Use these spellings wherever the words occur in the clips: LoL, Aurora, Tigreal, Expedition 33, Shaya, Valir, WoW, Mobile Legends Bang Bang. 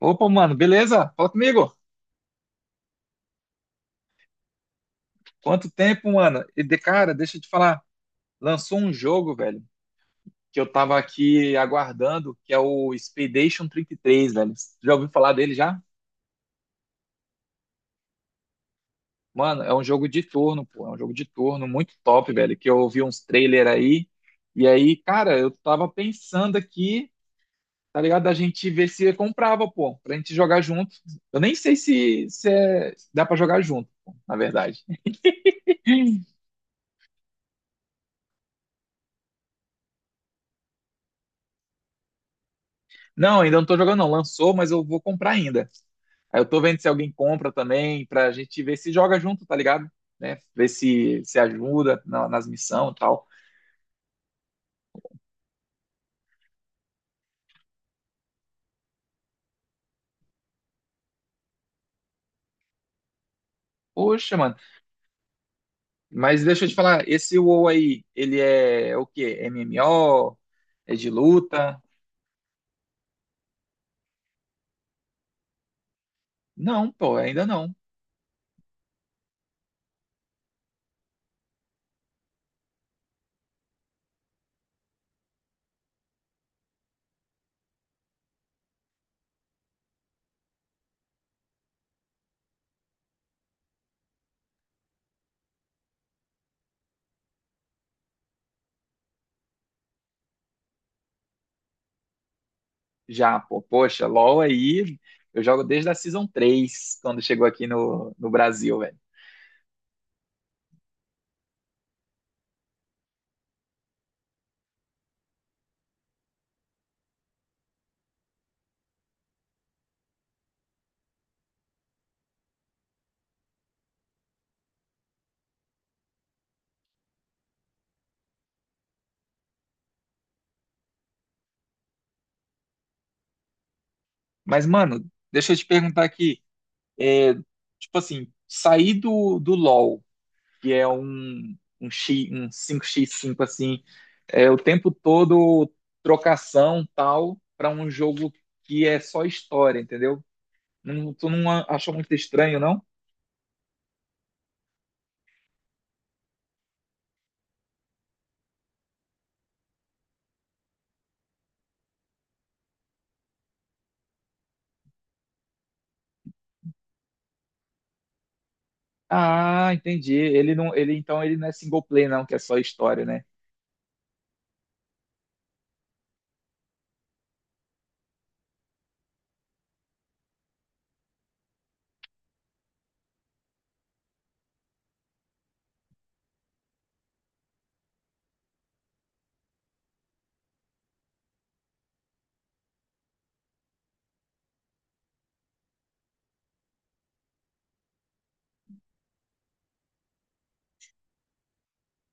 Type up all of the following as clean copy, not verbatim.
Opa, mano, beleza? Fala comigo. Quanto tempo, mano? E de cara, deixa eu te falar, lançou um jogo, velho, que eu tava aqui aguardando, que é o Expedition 33, velho. Já ouviu falar dele já? Mano, é um jogo de turno, pô, é um jogo de turno muito top, velho, que eu ouvi uns trailer aí. E aí, cara, eu tava pensando aqui, tá ligado? A gente ver se comprava, pô, pra gente jogar junto. Eu nem sei se dá pra jogar junto, pô, na verdade. Não, ainda não tô jogando, não. Lançou, mas eu vou comprar ainda. Aí eu tô vendo se alguém compra também, pra gente ver se joga junto, tá ligado? Né? Ver se ajuda nas missões e tal. Poxa, mano. Mas deixa eu te falar, esse WoW aí, ele é o quê? MMO? É de luta? Não, pô, ainda não. Já, pô. Poxa, LoL aí, eu jogo desde a Season 3, quando chegou aqui no Brasil, velho. Mas, mano, deixa eu te perguntar aqui. É, Tipo assim, sair do LoL que é um X, um cinco x cinco assim, é o tempo todo trocação tal, para um jogo que é só história, entendeu? Não, tu não achou muito estranho, não? Ah, entendi. Ele não é single play, não, que é só história, né?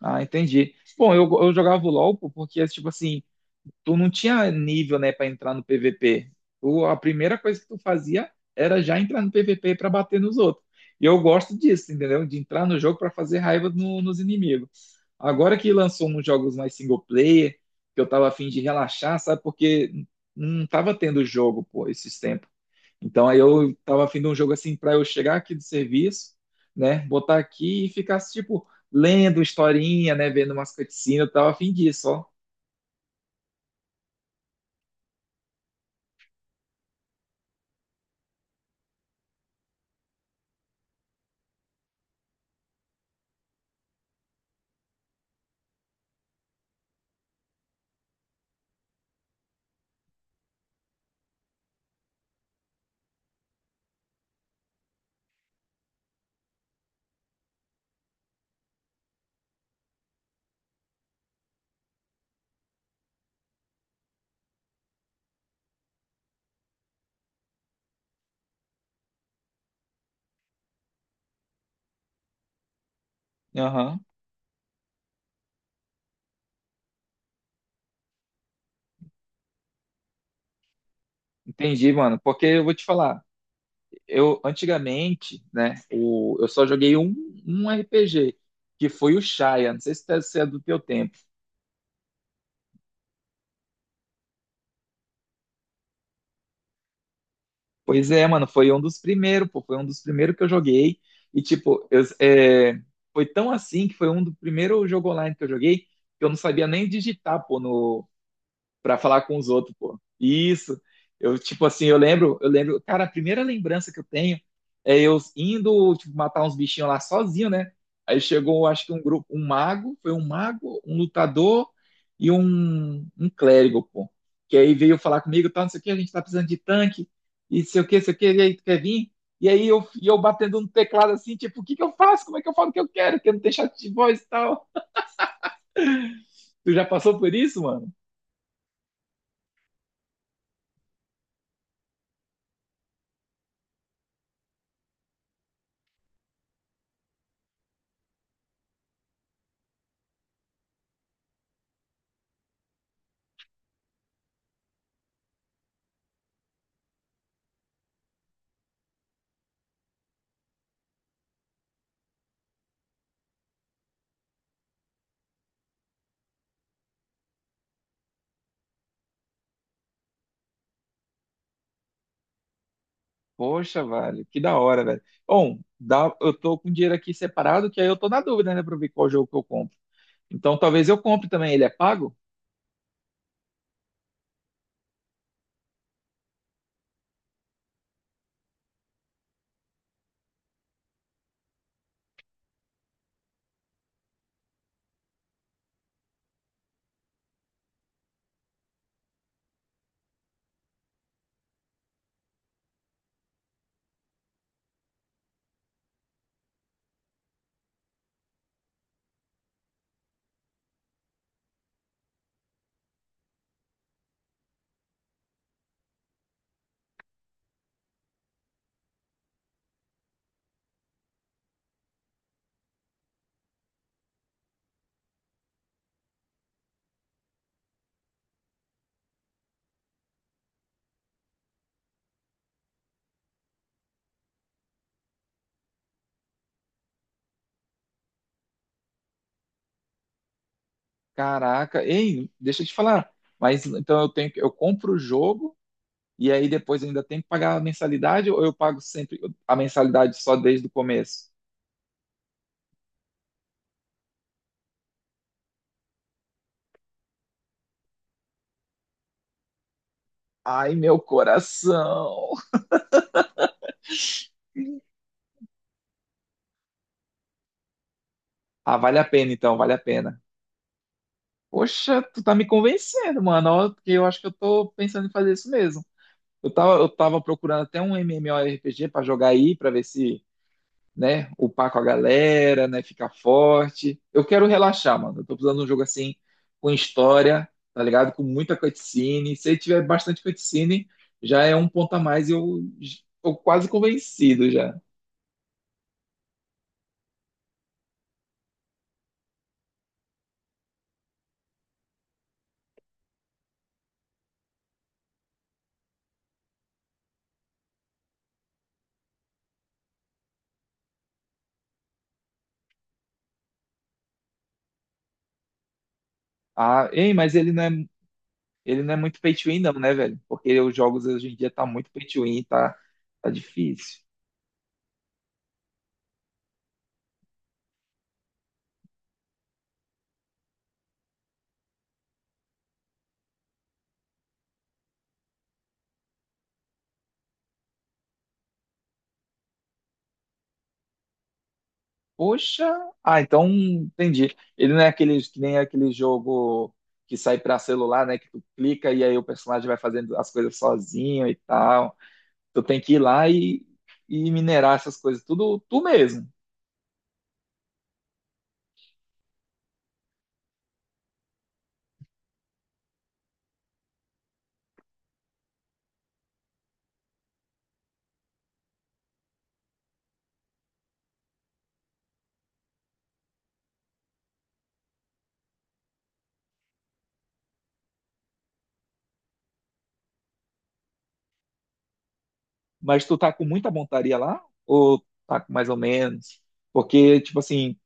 Ah, entendi. Bom, eu jogava o LoL pô, porque, tipo assim, tu não tinha nível, né, para entrar no PVP. Tu, a primeira coisa que tu fazia era já entrar no PVP para bater nos outros. E eu gosto disso, entendeu? De entrar no jogo para fazer raiva nos inimigos. Agora que lançou uns jogos mais single player, que eu tava afim de relaxar, sabe? Porque não tava tendo jogo, pô, esses tempos. Então aí eu tava afim de um jogo assim para eu chegar aqui do serviço, né, botar aqui e ficar tipo lendo historinha, né, vendo umas cutscenes, eu tava afim disso, ó. Aham. Entendi, mano. Porque eu vou te falar, eu antigamente, né, eu só joguei um RPG, que foi o Shaya. Não sei se é do teu tempo. Pois é, mano, foi um dos primeiros, pô, foi um dos primeiros que eu joguei. E, tipo, foi tão assim que foi um do primeiro jogo online que eu joguei que eu não sabia nem digitar, pô, para falar com os outros, pô. Isso. Eu, tipo assim, eu lembro, cara, a primeira lembrança que eu tenho é eu indo, tipo, matar uns bichinhos lá sozinho, né? Aí chegou, acho que um grupo, um mago, foi um mago, um lutador e um clérigo, pô. Que aí veio falar comigo, tá, não sei o que, a gente tá precisando de tanque, e sei o que, e aí tu quer vir? E aí eu batendo no teclado assim, tipo, o que que eu faço? Como é que eu falo o que eu quero? Que eu não tenho chat de voz e tal. Tu já passou por isso, mano? Poxa, velho, que da hora, velho. Bom, eu tô com dinheiro aqui separado, que aí eu tô na dúvida, né, pra ver qual jogo que eu compro. Então talvez eu compre também. Ele é pago? Caraca, ei, deixa eu te falar. Mas então eu compro o jogo e aí depois eu ainda tenho que pagar a mensalidade ou eu pago sempre a mensalidade só desde o começo? Ai, meu coração. Ah, vale a pena então, vale a pena. Poxa, tu tá me convencendo, mano, ó, porque eu acho que eu tô pensando em fazer isso mesmo. Eu tava procurando até um MMORPG pra jogar aí, pra ver se, né, upar com a galera, né, ficar forte. Eu quero relaxar, mano. Eu tô precisando de um jogo assim, com história, tá ligado? Com muita cutscene. Se ele tiver bastante cutscene, já é um ponto a mais e eu tô quase convencido já. Ah, ei, mas ele não é muito pay to win, não, né, velho? Porque os jogos hoje em dia tá muito pay to win, tá, tá difícil. Poxa, ah, então entendi. Ele não é aqueles que nem aquele jogo que sai pra celular, né? Que tu clica e aí o personagem vai fazendo as coisas sozinho e tal. Tu tem que ir lá e minerar essas coisas, tudo tu mesmo. Mas tu tá com muita montaria lá? Ou tá com mais ou menos? Porque, tipo assim,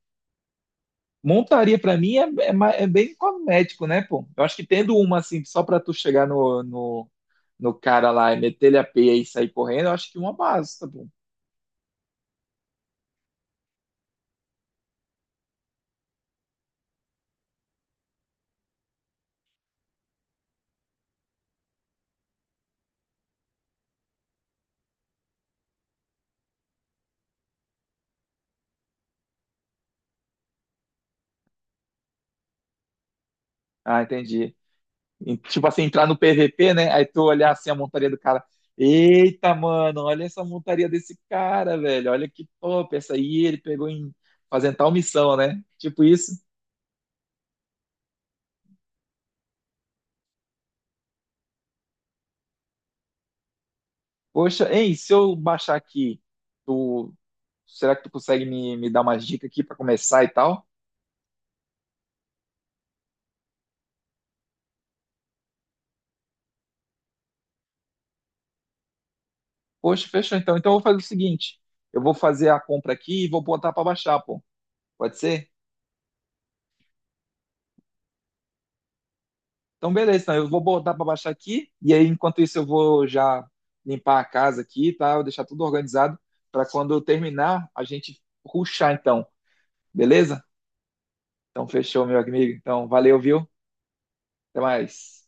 montaria pra mim é bem cosmético, né, pô? Eu acho que tendo uma, assim, só pra tu chegar no cara lá e meter ele a peia e sair correndo, eu acho que uma basta, pô. Ah, entendi. Tipo assim, entrar no PVP, né? Aí tu olhar assim a montaria do cara. Eita, mano, olha essa montaria desse cara, velho. Olha que top. Essa aí ele pegou em fazendo tal missão, né? Tipo isso. Poxa, hein, se eu baixar aqui, tu, será que tu consegue me dar umas dicas aqui pra começar e tal? Poxa, fechou então. Então eu vou fazer o seguinte: eu vou fazer a compra aqui e vou botar pra baixar, pô. Pode ser? Então, beleza, então eu vou botar para baixar aqui, e aí enquanto isso eu vou já limpar a casa aqui, tá? Eu deixar tudo organizado para quando eu terminar a gente ruxar então, beleza? Então fechou, meu amigo. Então, valeu, viu? Até mais.